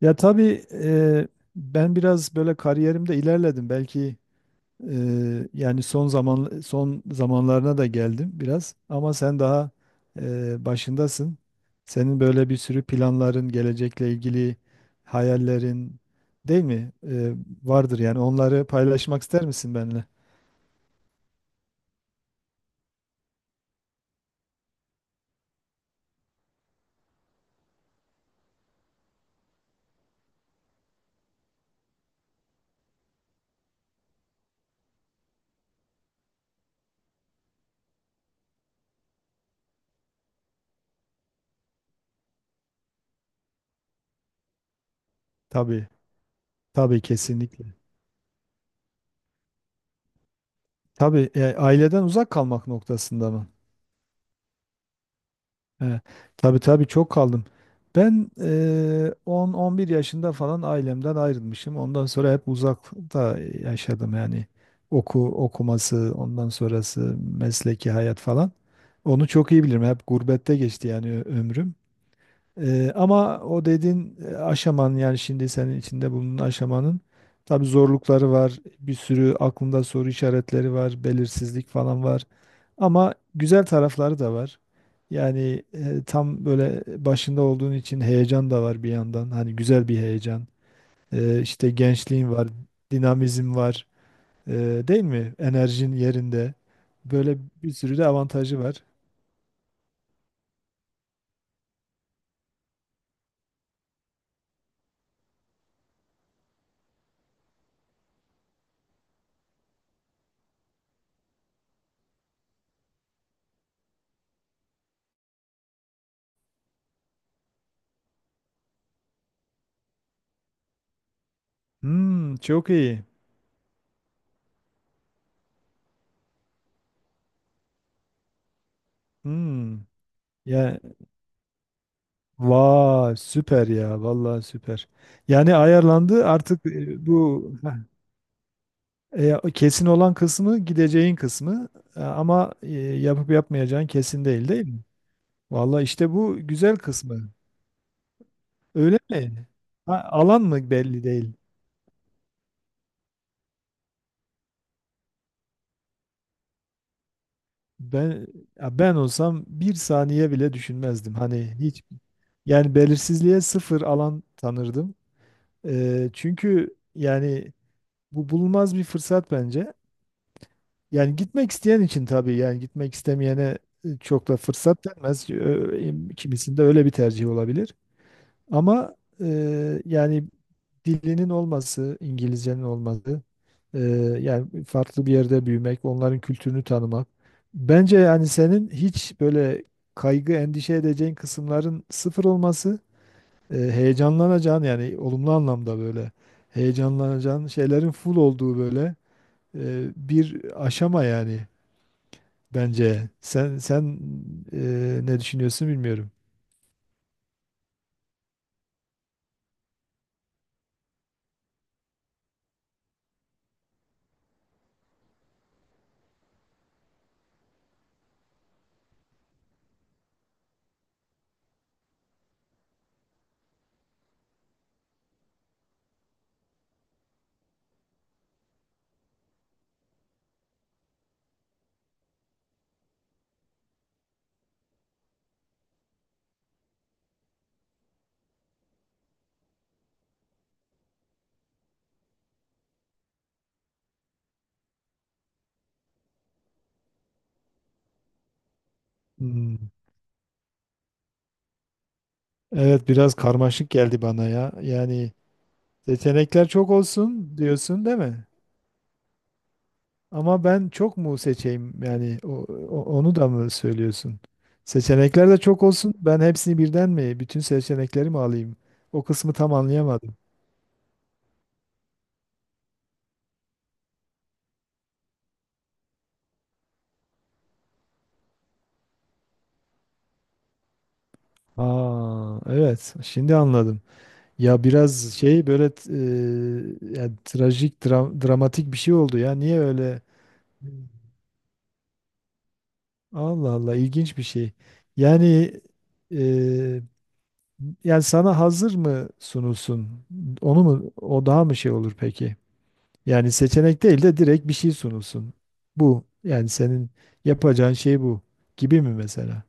Ya tabii ben biraz böyle kariyerimde ilerledim. Belki yani son zamanlarına da geldim biraz. Ama sen daha başındasın. Senin böyle bir sürü planların, gelecekle ilgili hayallerin değil mi? Vardır yani. Onları paylaşmak ister misin benimle? Tabii, tabii kesinlikle. Tabii aileden uzak kalmak noktasında mı? He, tabii tabii çok kaldım. Ben 10-11 yaşında falan ailemden ayrılmışım. Ondan sonra hep uzakta yaşadım yani. Okuması, ondan sonrası mesleki hayat falan. Onu çok iyi bilirim. Hep gurbette geçti yani ömrüm. Ama o dediğin aşamanın yani şimdi senin içinde bulunan aşamanın tabii zorlukları var. Bir sürü aklında soru işaretleri var. Belirsizlik falan var. Ama güzel tarafları da var. Yani tam böyle başında olduğun için heyecan da var bir yandan. Hani güzel bir heyecan. İşte gençliğin var, dinamizm var. E, değil mi? Enerjin yerinde. Böyle bir sürü de avantajı var. Hmm, çok iyi. Hmm. Ya vay süper ya vallahi süper. Yani ayarlandı artık bu kesin olan kısmı, gideceğin kısmı. Ama yapıp yapmayacağın kesin değil, değil mi? Vallahi işte bu güzel kısmı. Öyle mi? Ha, alan mı belli değil. Ben Ya ben olsam bir saniye bile düşünmezdim. Hani hiç, yani belirsizliğe sıfır alan tanırdım. Çünkü yani bu bulunmaz bir fırsat bence. Yani gitmek isteyen için tabii, yani gitmek istemeyene çok da fırsat denmez. Kimisinde öyle bir tercih olabilir. Ama yani dilinin olması, İngilizcenin olması, e, yani farklı bir yerde büyümek, onların kültürünü tanımak. Bence yani senin hiç böyle kaygı, endişe edeceğin kısımların sıfır olması, heyecanlanacağın yani olumlu anlamda böyle heyecanlanacağın şeylerin full olduğu böyle bir aşama yani bence. Sen ne düşünüyorsun bilmiyorum. Hmm. Evet, biraz karmaşık geldi bana ya. Yani seçenekler çok olsun diyorsun değil mi? Ama ben çok mu seçeyim yani onu da mı söylüyorsun? Seçenekler de çok olsun. Ben hepsini birden mi, bütün seçenekleri mi alayım? O kısmı tam anlayamadım. Aa, evet, şimdi anladım. Ya biraz şey böyle yani trajik, dramatik bir şey oldu ya. Niye öyle? Hmm. Allah Allah, ilginç bir şey. Yani e, Yani sana hazır mı sunulsun? Onu mu, o daha mı şey olur peki? Yani seçenek değil de direkt bir şey sunulsun. Bu yani senin yapacağın şey bu gibi mi mesela?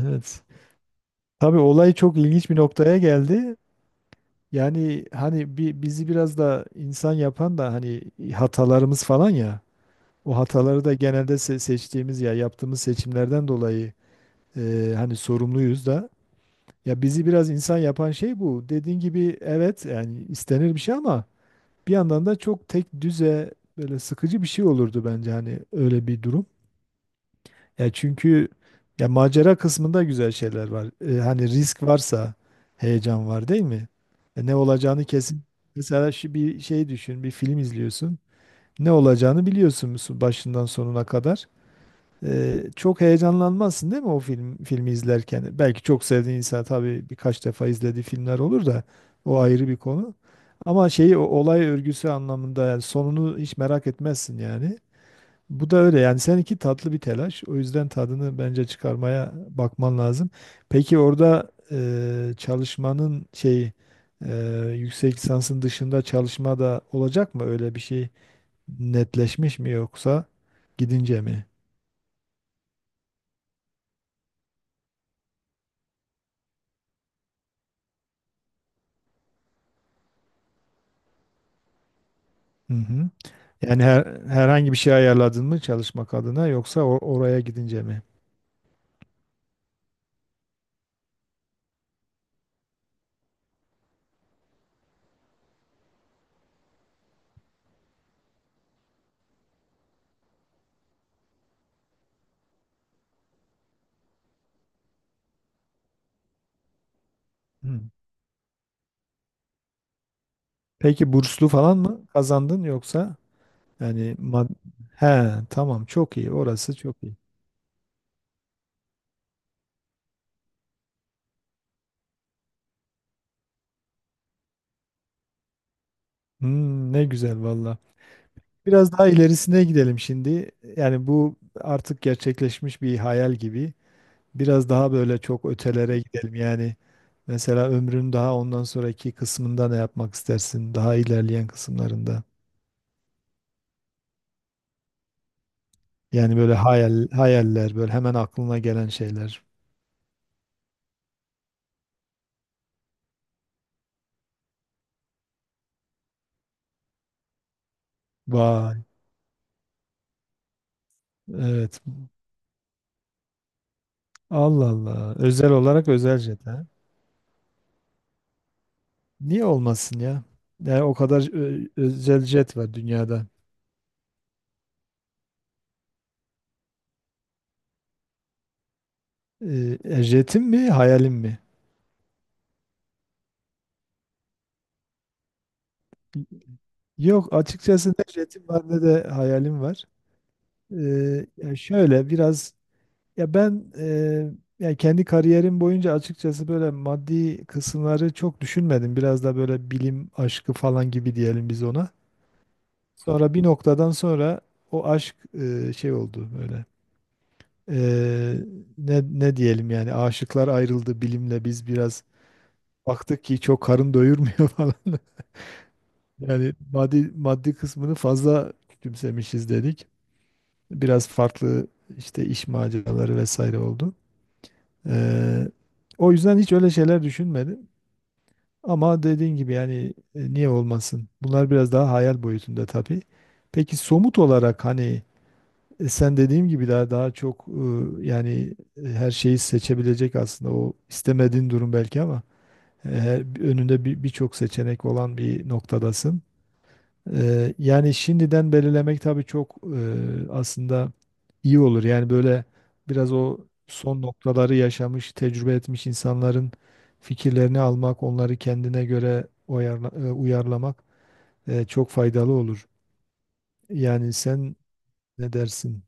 Evet. Tabii olay çok ilginç bir noktaya geldi. Yani hani bizi biraz da insan yapan da hani hatalarımız falan ya. O hataları da genelde seçtiğimiz ya yaptığımız seçimlerden dolayı hani sorumluyuz da. Ya bizi biraz insan yapan şey bu. Dediğin gibi evet, yani istenir bir şey ama bir yandan da çok tek düze, böyle sıkıcı bir şey olurdu bence hani öyle bir durum. Ya çünkü ya macera kısmında güzel şeyler var. Hani risk varsa heyecan var değil mi? Ne olacağını kesin. Mesela şu bir şey düşün, bir film izliyorsun. Ne olacağını biliyorsun başından sonuna kadar. Çok heyecanlanmazsın değil mi o filmi izlerken? Belki çok sevdiğin insan, tabii, birkaç defa izlediği filmler olur da o ayrı bir konu. Ama şeyi o olay örgüsü anlamında yani sonunu hiç merak etmezsin yani. Bu da öyle yani seninki tatlı bir telaş. O yüzden tadını bence çıkarmaya bakman lazım. Peki orada e, çalışmanın şey e, yüksek lisansın dışında çalışma da olacak mı? Öyle bir şey netleşmiş mi yoksa gidince mi? Hı hı. Yani herhangi bir şey ayarladın mı çalışmak adına yoksa oraya gidince mi? Hmm. Peki burslu falan mı kazandın yoksa yani he tamam, çok iyi, orası çok iyi. Hmm, ne güzel valla. Biraz daha ilerisine gidelim şimdi. Yani bu artık gerçekleşmiş bir hayal gibi. Biraz daha böyle çok ötelere gidelim. Yani mesela ömrün daha ondan sonraki kısmında ne yapmak istersin? Daha ilerleyen kısımlarında. Yani böyle hayal, hayaller, böyle hemen aklına gelen şeyler. Vay. Evet. Allah Allah. Özel olarak özel jet ha. Niye olmasın ya? Yani o kadar özel jet var dünyada. Jetim mi, hayalim mi? Yok, açıkçası ne jetim var ne de hayalim var. Ya şöyle biraz, ya ben e, ya kendi kariyerim boyunca açıkçası böyle maddi kısımları çok düşünmedim. Biraz da böyle bilim aşkı falan gibi diyelim biz ona. Sonra bir noktadan sonra o aşk şey oldu böyle. Eee, Ne diyelim yani, aşıklar ayrıldı bilimle, biz biraz baktık ki çok karın doyurmuyor falan. Yani maddi kısmını fazla küçümsemişiz dedik. Biraz farklı işte iş maceraları vesaire oldu. Eee, O yüzden hiç öyle şeyler düşünmedim. Ama dediğin gibi yani niye olmasın? Bunlar biraz daha hayal boyutunda tabii. Peki somut olarak hani, sen dediğim gibi daha çok yani her şeyi seçebilecek aslında, o istemediğin durum belki ama önünde birçok seçenek olan bir noktadasın. Yani şimdiden belirlemek tabii çok aslında iyi olur. Yani böyle biraz o son noktaları yaşamış, tecrübe etmiş insanların fikirlerini almak, onları kendine göre uyarlamak çok faydalı olur. Yani sen ne dersin?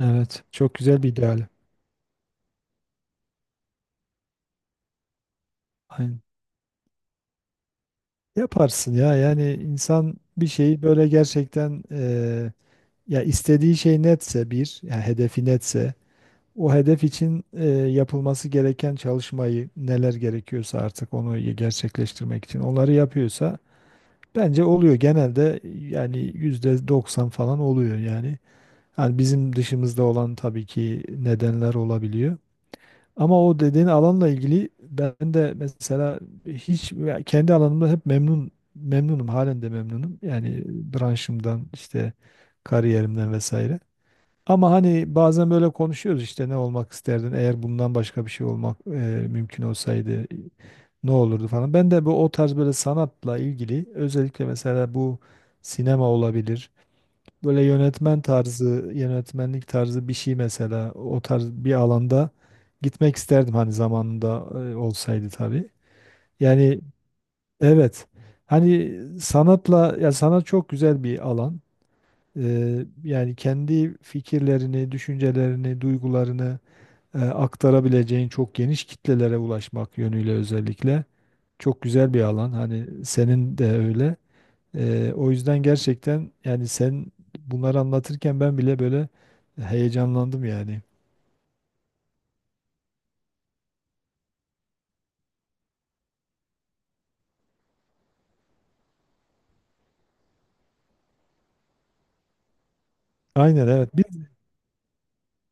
Evet. Çok güzel bir ideal. Aynen. Yaparsın ya, yani insan bir şeyi böyle gerçekten ya istediği şey netse, bir yani hedefi netse, o hedef için yapılması gereken çalışmayı, neler gerekiyorsa artık onu gerçekleştirmek için onları yapıyorsa bence oluyor genelde, yani yüzde 90 falan oluyor yani. Yani bizim dışımızda olan tabii ki nedenler olabiliyor. Ama o dediğin alanla ilgili ben de mesela hiç, ya kendi alanımda hep memnunum, halen de memnunum. Yani branşımdan işte kariyerimden vesaire. Ama hani bazen böyle konuşuyoruz işte ne olmak isterdin eğer bundan başka bir şey olmak mümkün olsaydı ne olurdu falan. Ben de bu, o tarz böyle sanatla ilgili, özellikle mesela bu sinema olabilir. Böyle yönetmen tarzı, yönetmenlik tarzı bir şey mesela o tarz bir alanda gitmek isterdim hani zamanında olsaydı tabii. Yani evet. Hani sanatla, ya sanat çok güzel bir alan. Yani kendi fikirlerini, düşüncelerini, duygularını aktarabileceğin, çok geniş kitlelere ulaşmak yönüyle özellikle çok güzel bir alan. Hani senin de öyle. O yüzden gerçekten yani sen bunları anlatırken ben bile böyle heyecanlandım yani. Aynen evet.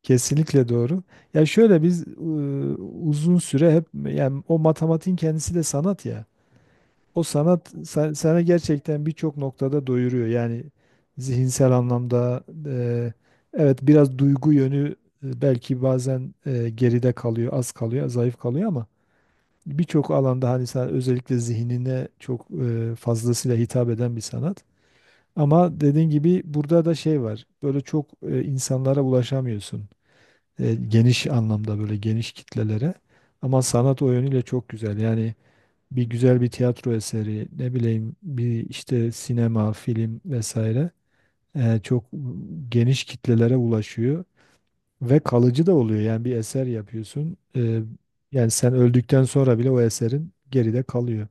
Kesinlikle doğru. Ya şöyle uzun süre hep yani o matematiğin kendisi de sanat ya. O sanat sana gerçekten birçok noktada doyuruyor. Yani zihinsel anlamda, evet biraz duygu yönü belki bazen geride kalıyor, az kalıyor, zayıf kalıyor, ama birçok alanda hani sen özellikle zihnine çok fazlasıyla hitap eden bir sanat. Ama dediğin gibi burada da şey var. Böyle çok insanlara ulaşamıyorsun. Geniş anlamda böyle geniş kitlelere. Ama sanat o yönüyle çok güzel. Yani bir güzel bir tiyatro eseri, ne bileyim bir işte sinema, film vesaire çok geniş kitlelere ulaşıyor ve kalıcı da oluyor. Yani bir eser yapıyorsun. Yani sen öldükten sonra bile o eserin geride kalıyor.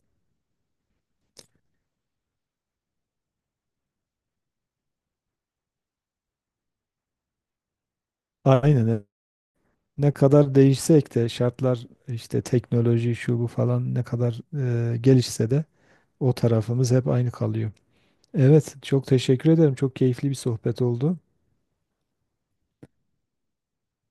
Aynen, evet. Ne kadar değişsek de şartlar, işte teknoloji şu bu falan ne kadar gelişse de o tarafımız hep aynı kalıyor. Evet, çok teşekkür ederim. Çok keyifli bir sohbet oldu.